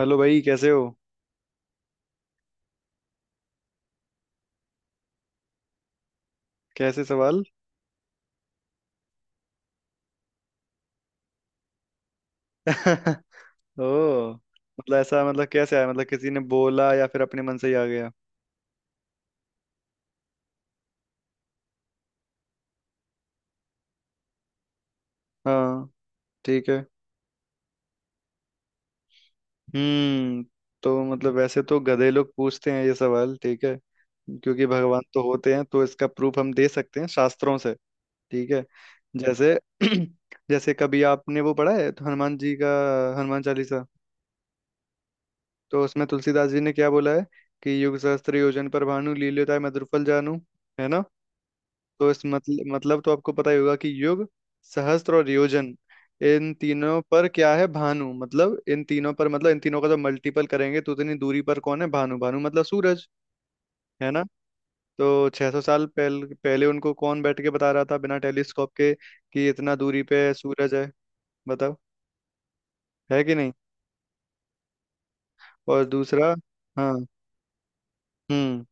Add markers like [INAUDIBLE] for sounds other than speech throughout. Hello भाई। कैसे हो? कैसे सवाल? [LAUGHS] ओ। मतलब ऐसा मतलब कैसे आया, मतलब किसी ने बोला या फिर अपने मन से ही आ गया? हाँ। ठीक है। हम्म तो मतलब वैसे तो गधे लोग पूछते हैं ये सवाल। ठीक है। क्योंकि भगवान तो होते हैं तो इसका प्रूफ हम दे सकते हैं शास्त्रों से। ठीक है। जैसे [CLEARS THROAT] जैसे कभी आपने वो पढ़ा है तो हनुमान जी का, हनुमान चालीसा। तो उसमें तुलसीदास जी ने क्या बोला है कि युग सहस्त्र योजन पर भानु लील्योताय मधुर फल जानू। है ना? तो इस मतलब तो आपको पता ही होगा कि युग सहस्त्र और योजन इन तीनों पर क्या है भानु, मतलब इन तीनों पर मतलब इन तीनों का जब मल्टीपल करेंगे तो उतनी दूरी पर कौन है? भानु। भानु मतलब सूरज। है ना? तो 600 साल पहले पहले उनको कौन बैठ के बता रहा था बिना टेलीस्कोप के कि इतना दूरी पे सूरज है? बताओ, है कि नहीं? और दूसरा। हाँ। हम्म।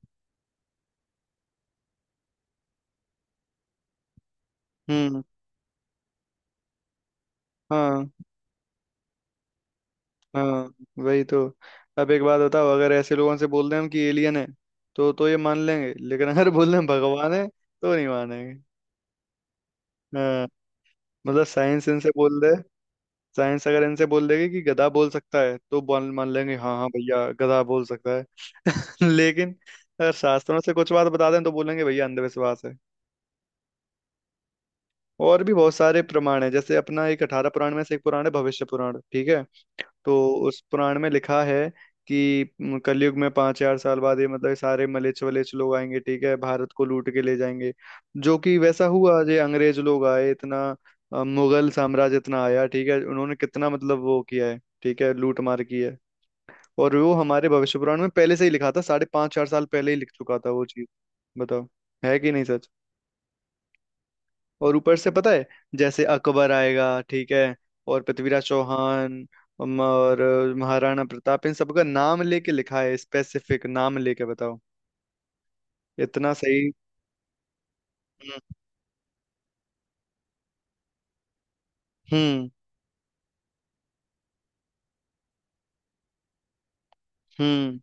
हम्म। हाँ। हाँ। वही तो। अब एक बात बताओ अगर ऐसे लोगों से बोल दें हम कि एलियन है तो ये मान लेंगे लेकिन अगर बोल दें हम भगवान है तो नहीं मानेंगे। हाँ। मतलब साइंस इनसे बोल दे। साइंस अगर इनसे बोल देगी कि गधा बोल सकता है तो बोल मान लेंगे हाँ हाँ भैया गधा बोल सकता है। [LAUGHS] लेकिन अगर शास्त्रों से कुछ बात बता दें तो बोलेंगे भैया अंधविश्वास है। और भी बहुत सारे प्रमाण है, जैसे अपना एक 18 पुराण में से एक पुराण है भविष्य पुराण। ठीक है। तो उस पुराण में लिखा है कि कलयुग में 5,000 साल बाद ये मतलब सारे मलेच्छ वलेच्छ लोग आएंगे। ठीक है। भारत को लूट के ले जाएंगे। जो कि वैसा हुआ ये अंग्रेज लोग आए, इतना मुगल साम्राज्य इतना आया। ठीक है। उन्होंने कितना मतलब वो किया है ठीक है लूट मार की है। और वो हमारे भविष्य पुराण में पहले से ही लिखा था, साढ़े पांच चार साल पहले ही लिख चुका था वो चीज। बताओ, है कि नहीं सच? और ऊपर से पता है, जैसे अकबर आएगा ठीक है और पृथ्वीराज चौहान, और महाराणा प्रताप, इन सबका नाम लेके लिखा है, स्पेसिफिक नाम लेके। बताओ इतना सही। हम्म। हम्म। हम्म।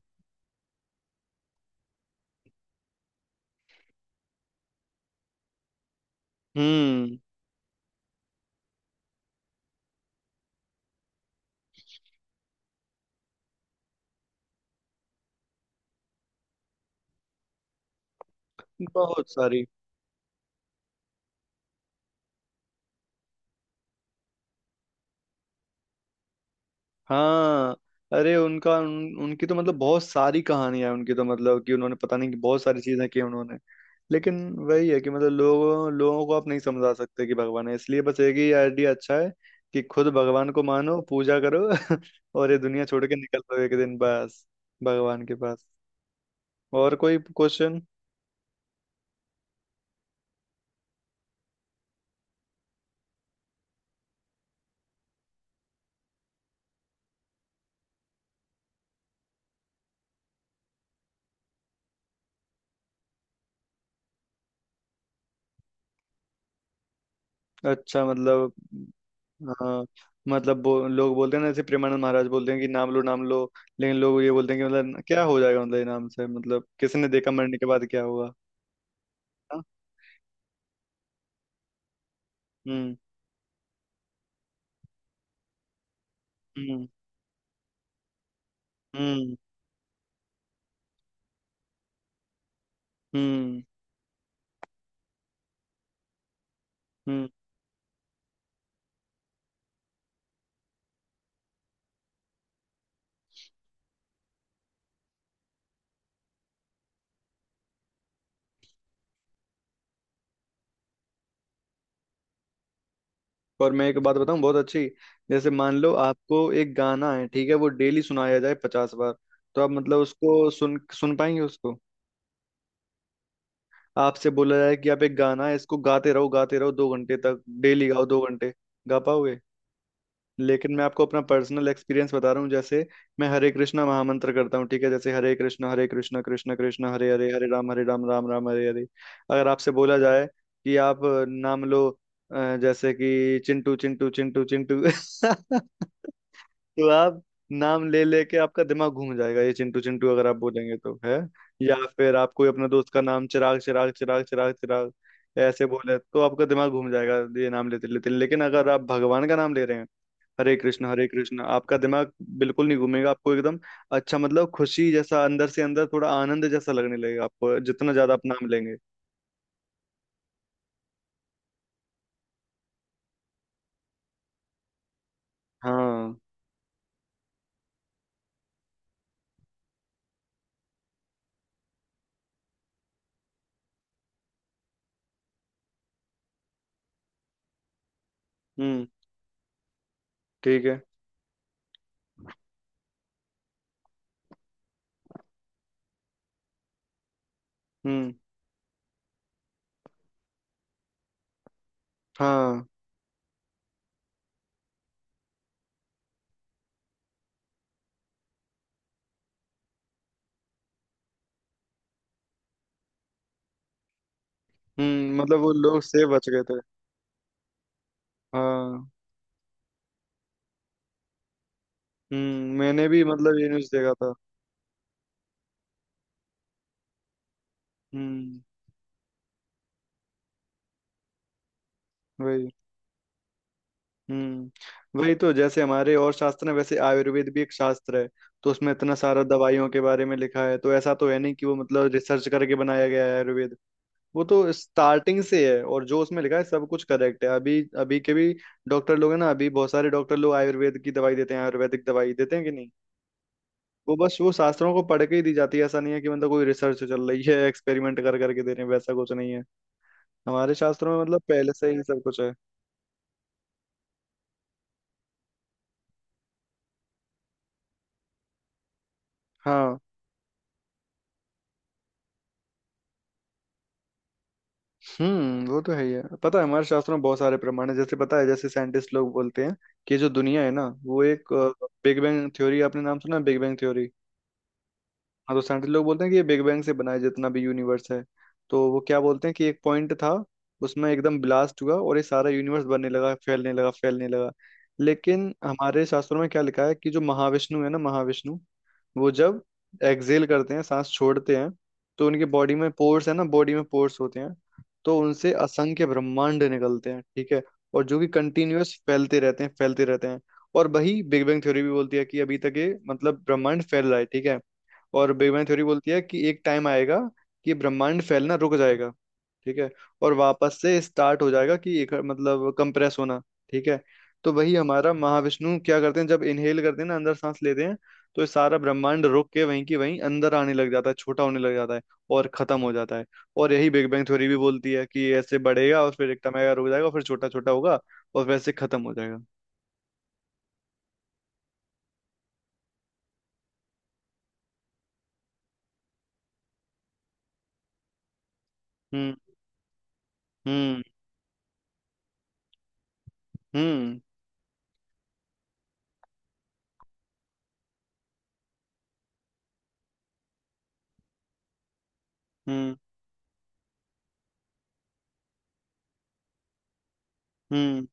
हम्म, बहुत सारी। हाँ। अरे उनका उनकी तो मतलब बहुत सारी कहानियां हैं, उनकी तो मतलब कि उन्होंने पता नहीं कि बहुत सारी चीजें की उन्होंने। लेकिन वही है कि मतलब लोगों लोगों को आप नहीं समझा सकते कि भगवान है, इसलिए बस एक ही आइडिया अच्छा है कि खुद भगवान को मानो पूजा करो [LAUGHS] और ये दुनिया छोड़ के निकल लो एक दिन, बस भगवान के पास। और कोई क्वेश्चन? अच्छा मतलब। हाँ। मतलब लोग बोलते हैं ना, जैसे प्रेमानंद महाराज बोलते हैं कि नाम लो नाम लो, लेकिन लोग ये बोलते हैं कि मतलब क्या हो जाएगा, मतलब ये नाम से मतलब किसने देखा मरने के बाद क्या होगा? हाँ? हम्म। हम्म। हम्म। हम्म। हम्म। और मैं एक बात बताऊं बहुत अच्छी। जैसे मान लो आपको एक गाना है ठीक है वो डेली सुनाया जाए 50 बार, तो आप मतलब उसको सुन सुन पाएंगे उसको? आपसे बोला जाए कि आप एक गाना है इसको गाते रहो 2 घंटे तक डेली गाओ 2 घंटे, गा पाओगे? लेकिन मैं आपको अपना पर्सनल एक्सपीरियंस बता रहा हूँ, जैसे मैं हरे कृष्णा महामंत्र करता हूँ ठीक है, जैसे हरे कृष्णा कृष्णा कृष्णा हरे हरे हरे राम राम राम हरे हरे। अगर आपसे बोला जाए कि आप नाम लो, जैसे कि चिंटू चिंटू चिंटू चिंटू [LAUGHS] तो आप नाम ले लेके आपका दिमाग घूम जाएगा, ये चिंटू चिंटू अगर आप बोलेंगे तो है। या फिर आप कोई अपने दोस्त का नाम चिराग चिराग चिराग चिराग चिराग ऐसे बोले तो आपका दिमाग घूम जाएगा ये नाम लेते लेते। लेकिन अगर आप भगवान का नाम ले रहे हैं हरे कृष्ण हरे कृष्ण, आपका दिमाग बिल्कुल नहीं घूमेगा। आपको एकदम अच्छा मतलब खुशी जैसा अंदर से अंदर थोड़ा आनंद जैसा लगने लगेगा आपको, जितना ज्यादा आप नाम लेंगे। हाँ। हम्म। ठीक है। हम्म। हाँ। मतलब वो लोग से बच गए थे। हाँ। मैंने भी मतलब ये न्यूज देखा था। हम्म। वही। हम्म वही तो, जैसे हमारे और शास्त्र हैं वैसे आयुर्वेद भी एक शास्त्र है। तो उसमें इतना सारा दवाइयों के बारे में लिखा है, तो ऐसा तो है नहीं कि वो मतलब रिसर्च करके बनाया गया है आयुर्वेद। वो तो स्टार्टिंग से है और जो उसमें लिखा है सब कुछ करेक्ट है। अभी अभी के भी डॉक्टर लोग हैं ना, अभी बहुत सारे डॉक्टर लोग आयुर्वेद की दवाई देते हैं, आयुर्वेदिक दवाई देते हैं कि नहीं? वो बस वो शास्त्रों को पढ़ के ही दी जाती है, ऐसा नहीं है कि मतलब कोई रिसर्च चल रही है एक्सपेरिमेंट कर करके दे रहे हैं, वैसा कुछ नहीं है। हमारे शास्त्रों में मतलब पहले से ही सब कुछ है। हाँ। वो तो है ही है। पता है हमारे शास्त्रों में बहुत सारे प्रमाण है, जैसे पता है जैसे साइंटिस्ट लोग बोलते हैं कि जो दुनिया है ना वो एक बिग बैंग थ्योरी, आपने नाम सुना बिग बैंग थ्योरी? हाँ। तो साइंटिस्ट लोग बोलते हैं कि ये बिग बैंग से बनाया जितना भी यूनिवर्स है, तो वो क्या बोलते हैं कि एक पॉइंट था उसमें एकदम ब्लास्ट हुआ और ये सारा यूनिवर्स बनने लगा, फैलने लगा फैलने लगा। लेकिन हमारे शास्त्रों में क्या लिखा है कि जो महाविष्णु है ना महाविष्णु वो जब एक्सहेल करते हैं सांस छोड़ते हैं, तो उनकी बॉडी में पोर्स है ना बॉडी में पोर्स होते हैं, तो उनसे असंख्य ब्रह्मांड निकलते हैं। ठीक है। और जो कि कंटिन्यूअस फैलते रहते हैं फैलते रहते हैं। और वही बिग बैंग थ्योरी भी बोलती है कि अभी तक ये मतलब ब्रह्मांड फैल रहा है। ठीक है। और बिग बैंग थ्योरी बोलती है कि एक टाइम आएगा कि ब्रह्मांड फैलना रुक जाएगा। ठीक है। और वापस से स्टार्ट हो जाएगा, कि एक मतलब कंप्रेस होना। ठीक है। तो वही हमारा महाविष्णु क्या करते हैं, जब इनहेल करते हैं ना अंदर सांस लेते हैं, तो ये सारा ब्रह्मांड रुक के वहीं की वहीं अंदर आने लग जाता है, छोटा होने लग जाता है और खत्म हो जाता है। और यही बिग बैंग थ्योरी भी बोलती है कि ये ऐसे बढ़ेगा और फिर एक टाइम आएगा रुक जाएगा फिर छोटा छोटा होगा और वैसे खत्म हो जाएगा। हम्म। हम्म। हम्म। हम्म। हम्म।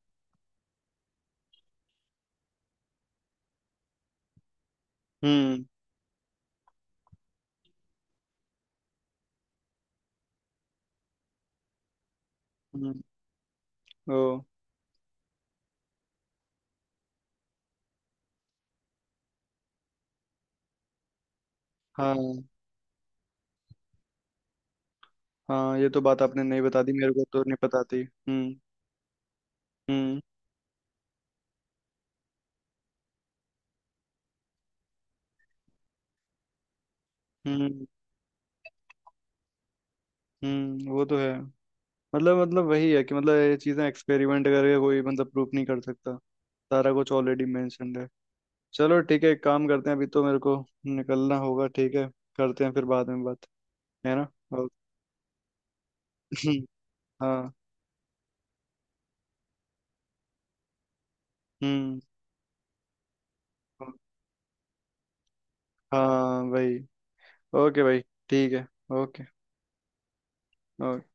हम्म। हम्म, ओ। हाँ। हाँ ये तो बात आपने नहीं बता दी, मेरे को तो नहीं पता थी। हम्म। हम्म। हम्म। वो तो है, मतलब वही है कि मतलब ये चीजें एक्सपेरिमेंट करके कोई मतलब प्रूफ नहीं कर सकता। सारा कुछ ऑलरेडी मेंशन्ड है। चलो ठीक है, एक काम करते हैं, अभी तो मेरे को निकलना होगा। ठीक है। करते हैं फिर बाद में बात। है ना? ओके। [LAUGHS] [CLEARS THROAT] हाँ। हम्म। हाँ भाई। ओके भाई। ठीक है। ओके। ओके।